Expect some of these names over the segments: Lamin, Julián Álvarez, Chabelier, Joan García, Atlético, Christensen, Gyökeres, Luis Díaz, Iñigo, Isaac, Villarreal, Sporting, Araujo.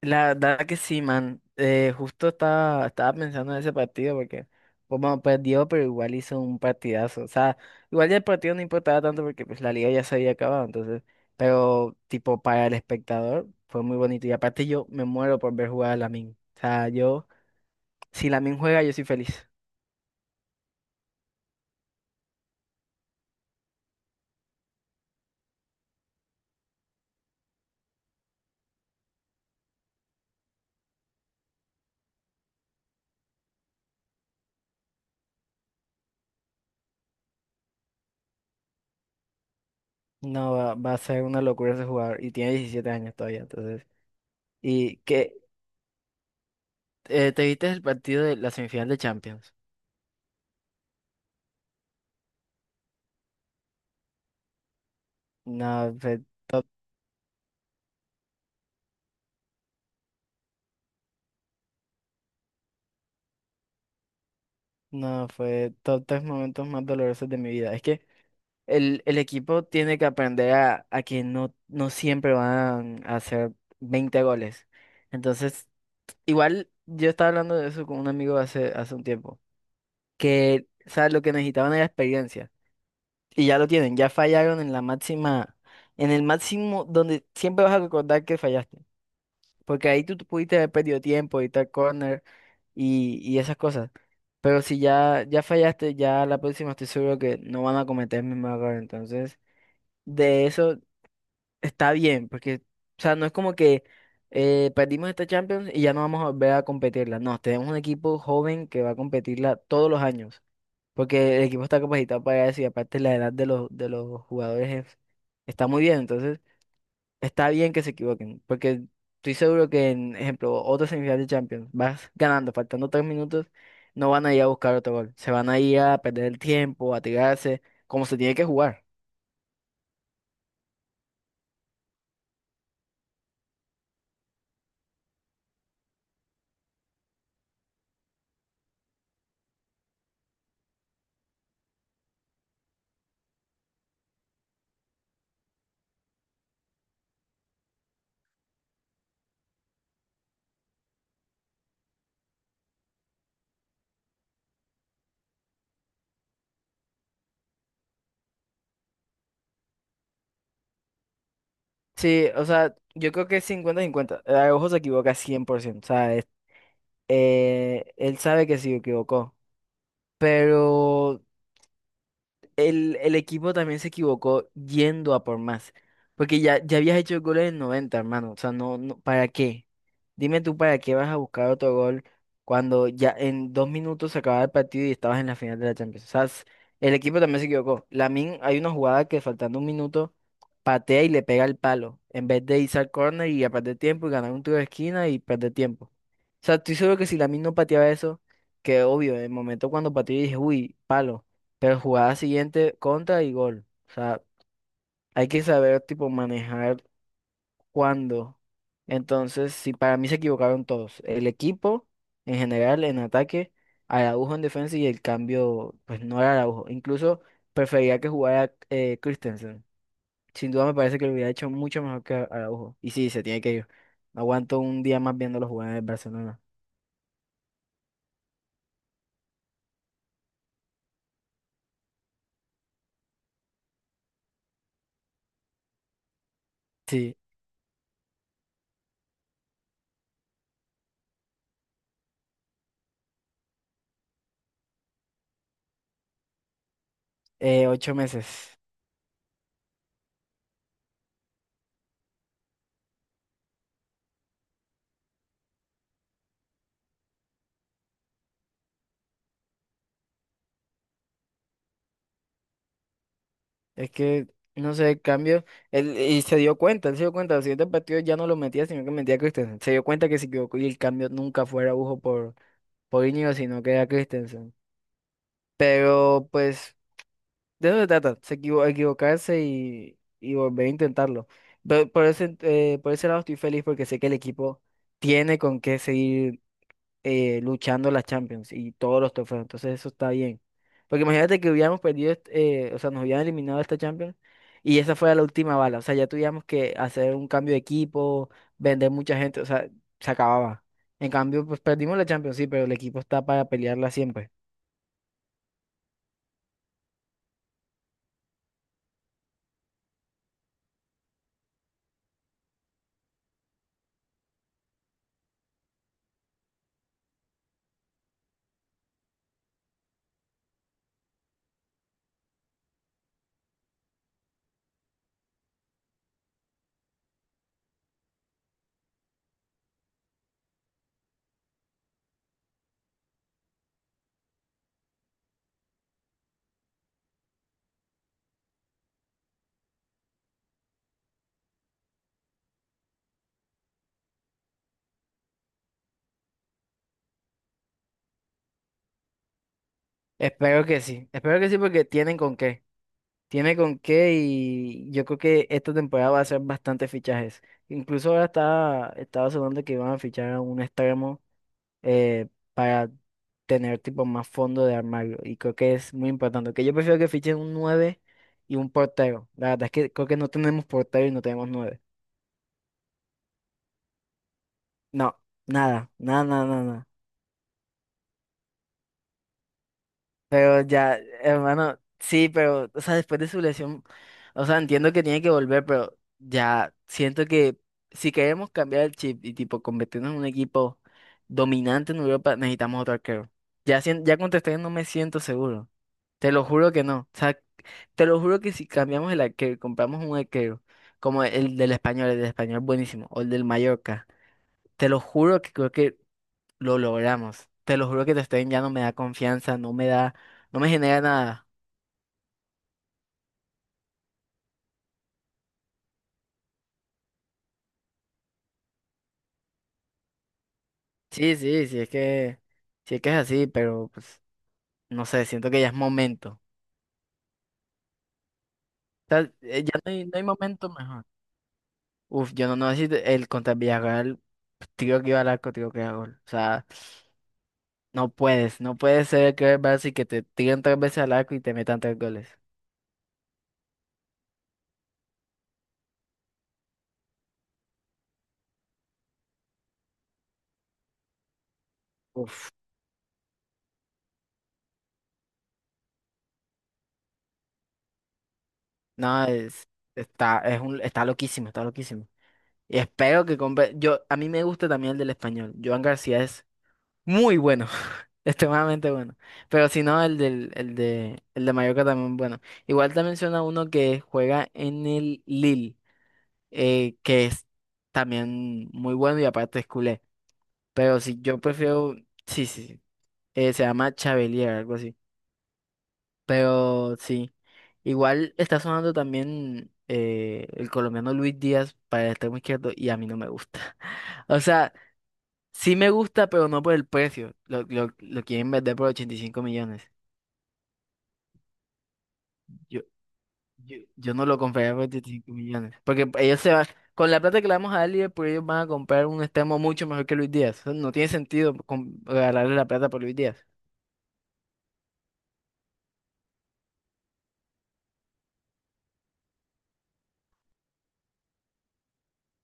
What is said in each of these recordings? La verdad que sí, man. Justo estaba pensando en ese partido porque, pues, bueno, perdió, pero igual hizo un partidazo. O sea, igual ya el partido no importaba tanto porque pues la liga ya se había acabado, entonces, pero tipo para el espectador fue muy bonito. Y aparte yo me muero por ver jugar a Lamin. O sea, yo, si Lamin juega, yo soy feliz. No, va a ser una locura ese jugador. Y tiene 17 años todavía, entonces. ¿Y que ¿Te viste el partido de la semifinal de Champions? No, fue No, fue todos los momentos más dolorosos de mi vida. Es que el equipo tiene que aprender a que no, no siempre van a hacer 20 goles. Entonces, igual yo estaba hablando de eso con un amigo hace un tiempo, que, o sea, lo que necesitaban era experiencia. Y ya lo tienen, ya fallaron en la máxima, en el máximo donde siempre vas a recordar que fallaste. Porque ahí tú pudiste haber perdido tiempo y tal corner y esas cosas. Pero si ya fallaste, ya la próxima estoy seguro que no van a cometer el mismo error. Entonces, de eso está bien, porque, o sea, no es como que perdimos esta Champions y ya no vamos a volver a competirla. No, tenemos un equipo joven que va a competirla todos los años, porque el equipo está capacitado para eso y aparte la edad de de los jugadores está muy bien. Entonces, está bien que se equivoquen, porque estoy seguro que, en ejemplo, otra semifinal de Champions, vas ganando, faltando 3 minutos, no van a ir a buscar otro gol. Se van a ir a perder el tiempo, a tirarse, como se tiene que jugar. Sí, o sea, yo creo que es cincuenta 50. Araujo se equivoca 100%. O sea, él sabe que se equivocó, pero el equipo también se equivocó yendo a por más. Porque ya habías hecho el gol en el 90, hermano. O sea, no, no, ¿para qué? Dime tú, ¿para qué vas a buscar otro gol cuando ya en 2 minutos se acababa el partido y estabas en la final de la Champions? O sea, el equipo también se equivocó. Lamin, hay una jugada que faltando un minuto patea y le pega el palo. En vez de irse al córner y a perder tiempo y ganar un tiro de esquina y perder tiempo. O sea, estoy seguro que si Lamin no pateaba eso, que obvio, en el momento cuando pateó dije, uy, palo. Pero jugada siguiente, contra y gol. O sea, hay que saber, tipo, manejar cuándo. Entonces, si para mí se equivocaron todos. El equipo, en general, en ataque, Araujo en defensa y el cambio, pues no era Araujo. Incluso prefería que jugara Christensen. Sin duda me parece que lo hubiera hecho mucho mejor que Araujo. Y sí, se tiene que ir. No aguanto un día más viéndolo jugar en el Barcelona. Sí, 8 meses. Es que, no sé, el cambio. Él, y se dio cuenta, él se dio cuenta. Los siguientes partidos ya no lo metía, sino que metía a Christensen. Se dio cuenta que se equivocó y el cambio nunca fue a Araujo por Iñigo, sino que era Christensen. Pero, pues, de eso se trata, equivocarse y volver a intentarlo. Pero por ese lado estoy feliz porque sé que el equipo tiene con qué seguir luchando la Champions y todos los trofeos. Entonces eso está bien. Porque imagínate que hubiéramos perdido, o sea, nos hubieran eliminado esta Champions y esa fue la última bala. O sea, ya tuviéramos que hacer un cambio de equipo, vender mucha gente, o sea, se acababa. En cambio, pues perdimos la Champions, sí, pero el equipo está para pelearla siempre. Espero que sí porque tienen con qué. Tiene con qué y yo creo que esta temporada va a ser bastantes fichajes. Incluso ahora estaba sonando que iban a fichar a un extremo, eh, para tener tipo más fondo de armario. Y creo que es muy importante. Que yo prefiero que fichen un 9 y un portero. La verdad es que creo que no tenemos portero y no tenemos nueve. No, nada, nada, nada, nada. Nada. Pero ya, hermano, sí, pero, o sea, después de su lesión, o sea, entiendo que tiene que volver, pero ya siento que si queremos cambiar el chip y tipo convertirnos en un equipo dominante en Europa, necesitamos otro arquero. Ya, ya contesté, no me siento seguro. Te lo juro que no. O sea, te lo juro que si cambiamos el arquero, y compramos un arquero, como el del español buenísimo, o el del Mallorca, te lo juro que creo que lo logramos. Te lo juro que Testen ya no me da confianza, no me da, no me genera nada. Sí, sí, sí es que, es así, pero pues, no sé, siento que ya es momento. O sea, ya no hay momento mejor. Uf, yo no sé si el contra el Villarreal, pues, tiro que iba al arco, tiro que iba a gol. O sea, no puedes ser el quarterback y que te tiren tres veces al arco y te metan tres goles. Uf, no, es, está, es un, está loquísimo, está loquísimo. Y espero que compre. A mí me gusta también el del español. Joan García es muy bueno, extremadamente bueno. Pero si no, el de Mallorca también bueno. Igual te menciona uno que juega en el Lille, que es también muy bueno y aparte es culé. Pero si yo prefiero, sí, sí, sí. Se llama Chabelier, algo así. Pero sí, igual está sonando también el colombiano Luis Díaz para el extremo izquierdo y a mí no me gusta. O sea, sí me gusta, pero no por el precio. Lo quieren vender por 85 millones. Yo, yo no lo compraría por 85 millones. Porque ellos se van, con la plata que le vamos a dar pues ellos van a comprar un extremo mucho mejor que Luis Díaz. O sea, no tiene sentido regalarle la plata por Luis Díaz.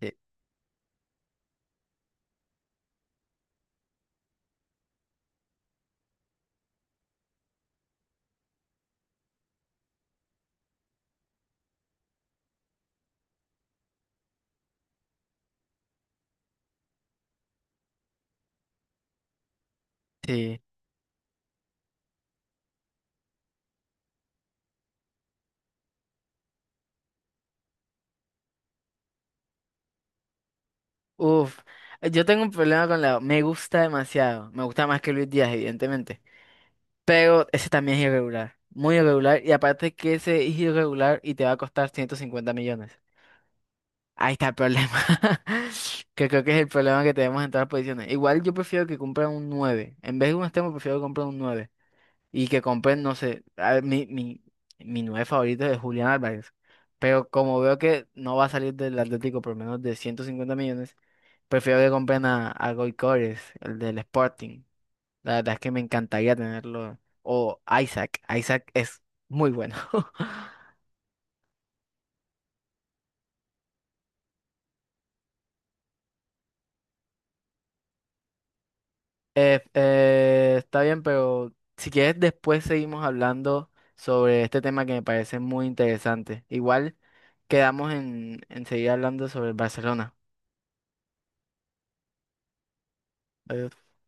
Sí. Sí. Uf. Yo tengo un problema con la... Me gusta demasiado. Me gusta más que Luis Díaz, evidentemente. Pero ese también es irregular, muy irregular. Y aparte que ese es irregular y te va a costar 150 millones. Ahí está el problema. Que creo que es el problema que tenemos en todas las posiciones. Igual yo prefiero que compren un nueve. En vez de un extremo, prefiero que compren un nueve. Y que compren, no sé, a ver, mi 9 favorito es Julián Álvarez. Pero como veo que no va a salir del Atlético por menos de 150 millones, prefiero que compren a Gyökeres, el del Sporting. La verdad es que me encantaría tenerlo. O Isaac. Isaac es muy bueno. Está bien, pero si quieres después seguimos hablando sobre este tema que me parece muy interesante. Igual quedamos en seguir hablando sobre el Barcelona. Adiós.